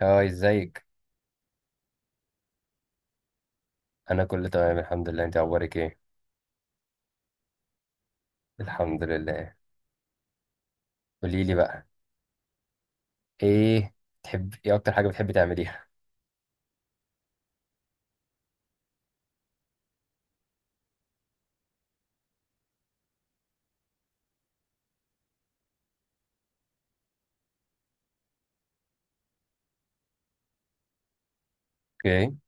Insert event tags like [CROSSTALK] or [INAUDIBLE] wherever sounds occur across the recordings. هاي، ازيك؟ انا كله تمام الحمد لله. انت اخبارك ايه؟ الحمد لله. قولي لي بقى. ايه؟ تحب ايه؟ اكتر حاجه بتحبي تعمليها؟ اوكي.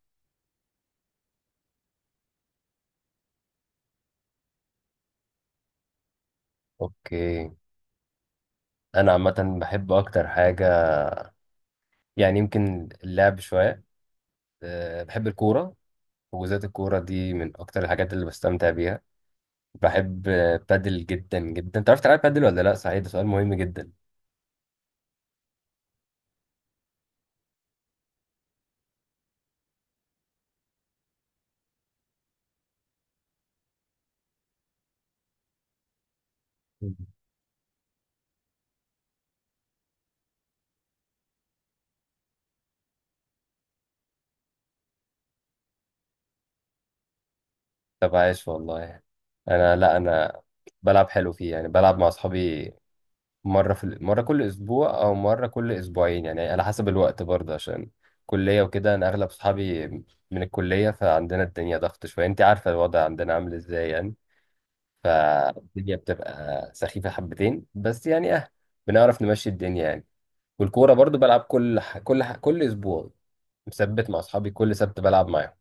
اوكي. انا عامه بحب اكتر حاجه، يعني يمكن اللعب شويه. أه، بحب الكوره، وبالذات الكوره دي من اكتر الحاجات اللي بستمتع بيها. بحب بادل جدا جدا. تعرف تلعب بادل ولا لا؟ صحيح، ده سؤال مهم جدا. مم. طب عايش والله. انا، لا، انا بلعب حلو فيه، يعني بلعب مع اصحابي مرة مرة كل أسبوع أو مرة كل أسبوعين، يعني على حسب الوقت برضه، عشان كلية وكده. أنا أغلب صحابي من الكلية، فعندنا الدنيا ضغط شوية. أنت عارفة الوضع عندنا عامل إزاي يعني. فالدنيا بتبقى سخيفة حبتين، بس يعني أه، بنعرف نمشي الدنيا يعني. والكورة برضه بلعب كل أسبوع، مثبت مع أصحابي. كل سبت بلعب معاهم،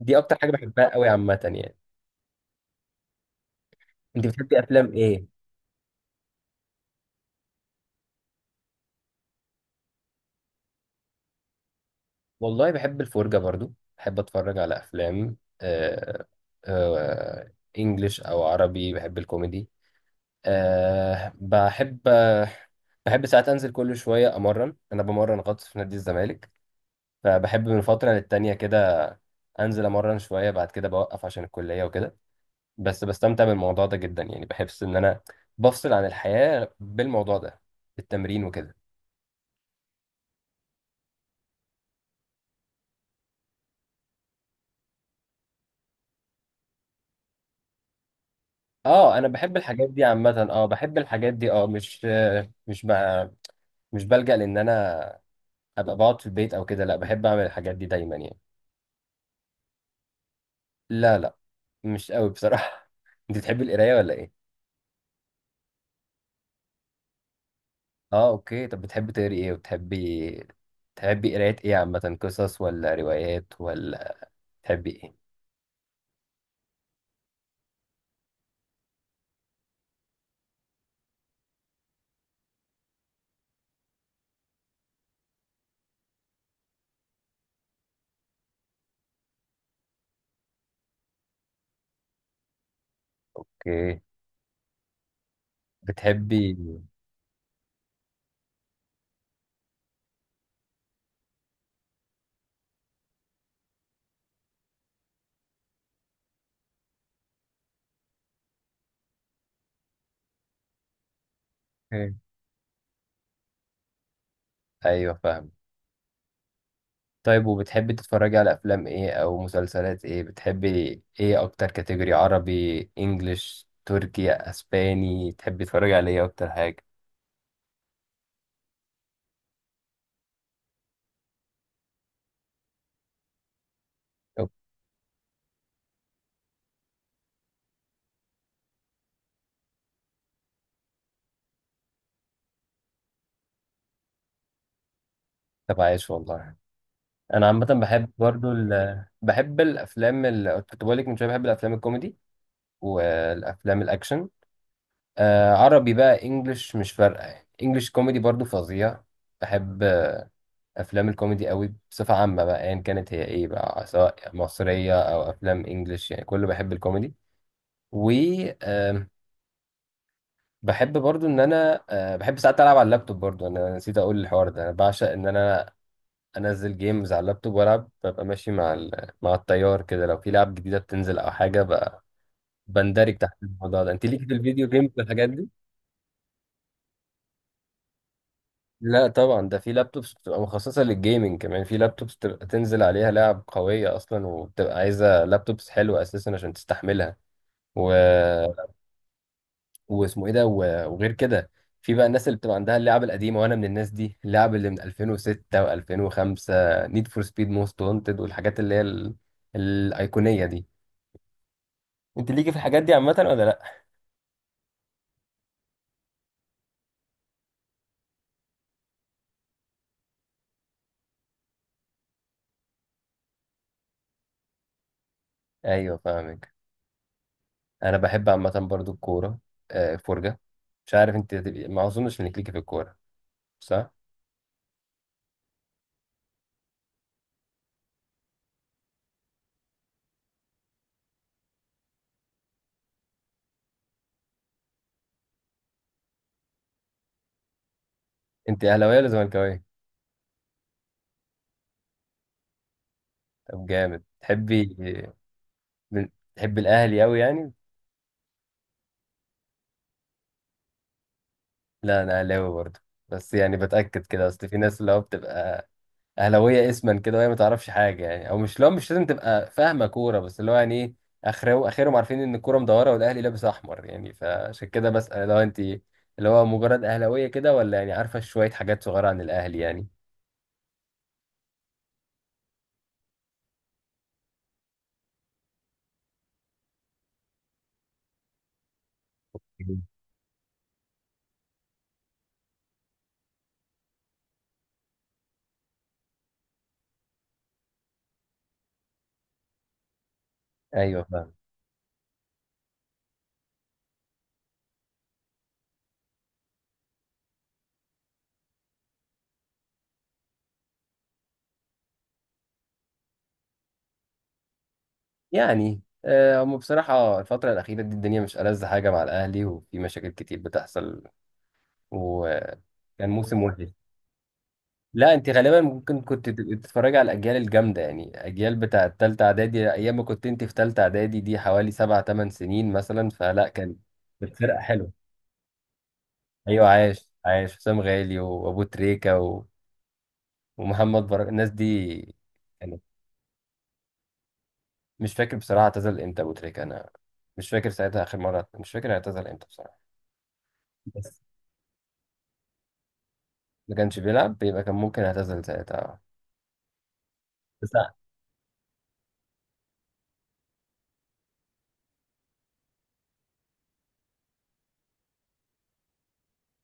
دي أكتر حاجة بحبها قوي عامة يعني. أنت بتحبي أفلام إيه؟ والله بحب الفرجة برضو، بحب اتفرج على افلام آه، انجليش او عربي، بحب الكوميدي. آه، بحب بحب ساعات انزل كل شوية امرن. انا بمرن غطس في نادي الزمالك، فبحب من فترة للتانية كده انزل امرن شوية، بعد كده بوقف عشان الكلية وكده. بس بستمتع بالموضوع ده جدا، يعني بحس ان انا بفصل عن الحياة بالموضوع ده، بالتمرين وكده. اه، انا بحب الحاجات دي عامة، اه بحب الحاجات دي، اه مش بقى، مش بلجأ لان انا ابقى بقعد في البيت او كده. لا، بحب اعمل الحاجات دي دايما يعني. لا، لا، مش قوي بصراحة. [LAUGHS] انت بتحبي القراية ولا ايه؟ اه، اوكي. طب بتحبي تقري ايه؟ وبتحبي، قراية ايه عامة؟ قصص ولا روايات ولا تحبي ايه؟ اوكي. بتحبي اوكي. ايوه، فاهم. طيب وبتحبي تتفرجي على افلام ايه او مسلسلات ايه؟ بتحبي ايه اكتر؟ كاتيجوري عربي، انجليش، تركي، اسباني، تحبي تتفرجي على ايه اكتر حاجة؟ أوك. طب عايش والله. انا عامه بحب برضو بحب الافلام كنت بقول لك من شويه، بحب الافلام الكوميدي والافلام الاكشن. آه، عربي بقى، انجلش، مش فارقه يعني. انجلش كوميدي برضو فظيع. بحب افلام الكوميدي قوي بصفه عامه بقى، ايا يعني كانت هي ايه بقى، سواء مصريه او افلام انجلش، يعني كله بحب الكوميدي. و آم، بحب برضو ان انا بحب ساعات العب على اللابتوب برضو. انا نسيت اقول الحوار ده، انا بعشق ان انا انزل جيمز على اللابتوب والعب، ببقى ماشي مع التيار كده، لو في لعب جديده بتنزل او حاجه بندرج تحت الموضوع ده. انت ليك في الفيديو جيمز والحاجات دي؟ لا طبعا، ده في لابتوبس بتبقى مخصصه للجيمنج، كمان في لابتوبس بتبقى تنزل عليها لعب قويه اصلا، وبتبقى عايزه لابتوبس حلوه اساسا عشان تستحملها و... واسمه ايه ده وغير كده، في بقى الناس اللي بتبقى عندها اللعب القديمه، وانا من الناس دي. اللعب اللي من 2006 و2005، نيد فور سبيد موست وانتد، والحاجات اللي هي الايقونيه دي. انت ليكي في الحاجات دي عامه ولا لا؟ ايوه، فاهمك. انا بحب عامه برضو الكوره، فرجه. مش عارف انت هتبقي، ما اظنش انك ليكي في الكوره، صح؟ انت اهلاويه ولا زملكاويه؟ طب جامد. من- تحبي الاهلي قوي يعني. لا، انا اهلاوي برضو، بس يعني بتاكد كده، اصل في ناس اللي هو بتبقى اهلاويه اسما كده، وهي ما تعرفش حاجه يعني، او مش، لو مش لازم تبقى فاهمه كوره، بس اللي هو يعني ايه، اخرهم عارفين ان الكوره مدوره والاهلي لابس احمر يعني، فعشان كده بسال لو انت اللي هو مجرد اهلاويه كده، ولا يعني عارفه شويه حاجات صغيره عن الاهلي يعني. مم. ايوه، فاهم. يعني هم بصراحه الفتره الاخيره دي الدنيا مش ألذ حاجه مع الاهلي، وفي مشاكل كتير بتحصل، وكان موسم وحش. لا، انت غالبا ممكن كنت تتفرج على الاجيال الجامده، يعني اجيال بتاع التالتة اعدادي، ايام ما كنت انت في تالتة اعدادي، دي حوالي 7 أو 8 سنين مثلا، فلا كان كانت فرقه حلوه. ايوه، عاش عاش حسام غالي وابو تريكه ومحمد بركه، الناس دي يعني. مش فاكر بصراحه اعتزل امتى ابو تريكه. انا مش فاكر ساعتها اخر مره، مش فاكر اعتزل امتى بصراحه. بس ما كانش بيلعب، يبقى كان ممكن اعتزل ساعتها. بس،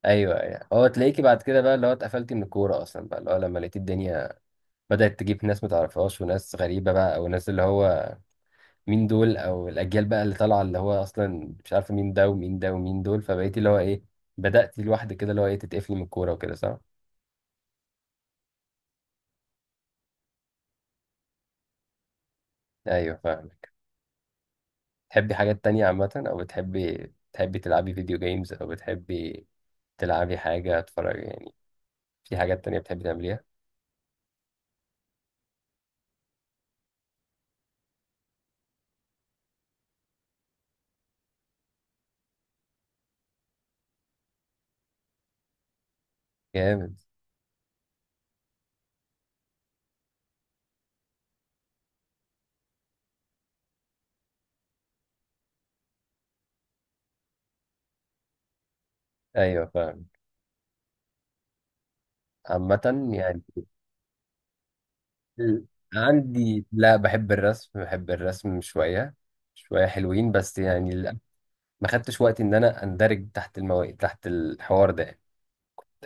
ايوه، ايوه. هو تلاقيكي بعد كده بقى اللي هو اتقفلتي من الكوره اصلا بقى، اللي هو لما لقيتي الدنيا بدأت تجيب ناس متعرفهاش وناس غريبة بقى، أو ناس اللي هو مين دول، أو الأجيال بقى اللي طالعة اللي هو أصلا مش عارفة مين ده ومين ده ومين دول، فبقيتي اللي هو إيه، بدأتي لوحدك كده اللي هو إيه، تتقفلي من الكورة وكده، صح؟ أيوه، فاهمك. تحبي حاجات تانية عامة؟ أو بتحبي، تلعبي فيديو جيمز؟ أو بتحبي تلعبي حاجة، تتفرجي يعني؟ في حاجات تانية بتحبي تعمليها؟ جامد. أيوه، فاهم. عامة يعني ال- عندي، لا بحب الرسم شوية شوية، حلوين بس يعني. ما خدتش وقتي ان انا اندرج تحت المواقف، تحت الحوار ده.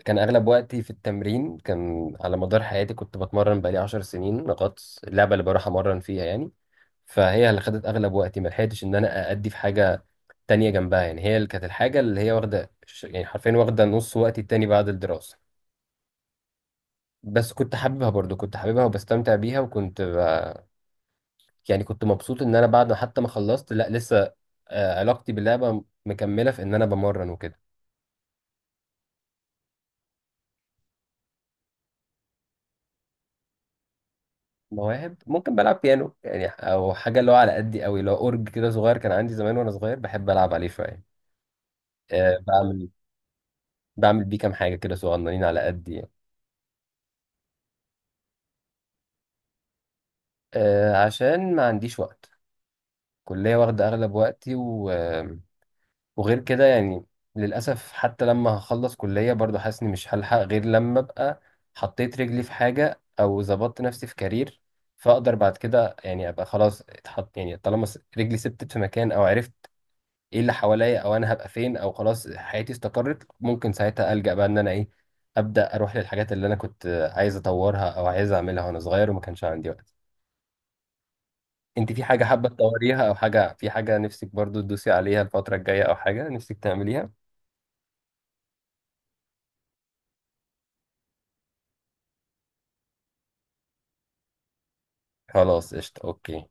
كان اغلب وقتي في التمرين، كان على مدار حياتي كنت بتمرن. بقالي 10 سنين غطس، اللعبه اللي بروح امرن فيها يعني، فهي اللي خدت اغلب وقتي. ما لحقتش ان انا ادي في حاجه تانية جنبها يعني، هي اللي كانت الحاجه اللي هي واخده يعني حرفيا واخده نص وقتي التاني بعد الدراسه. بس كنت حاببها برضو، كنت حاببها وبستمتع بيها، وكنت يعني كنت مبسوط ان انا بعد ما حتى ما خلصت، لا لسه علاقتي باللعبه مكمله، في ان انا بمرن وكده. مواهب ممكن بلعب بيانو يعني، او حاجه اللي هو على قدي قوي، اللي هو اورج كده صغير كان عندي زمان وانا صغير، بحب العب عليه شويه. أه، بعمل بيه كام حاجه كده صغننين، على قدي يعني. أه عشان ما عنديش وقت. كليه واخده اغلب وقتي وغير كده يعني، للاسف حتى لما هخلص كليه برضو حاسس اني مش هلحق، غير لما ابقى حطيت رجلي في حاجه، او ظبطت نفسي في كارير، فاقدر بعد كده يعني ابقى خلاص اتحط، يعني طالما رجلي ثبتت في مكان، او عرفت ايه اللي حواليا، او انا هبقى فين، او خلاص حياتي استقرت، ممكن ساعتها ألجأ بقى ان انا ايه، ابدا اروح للحاجات اللي انا كنت عايز اطورها او عايز اعملها وانا صغير وما كانش عندي وقت. انت في حاجه حابه تطوريها؟ او حاجه، في حاجه نفسك برضو تدوسي عليها الفتره الجايه، او حاجه نفسك تعمليها؟ خلاص، قشطه، اوكي.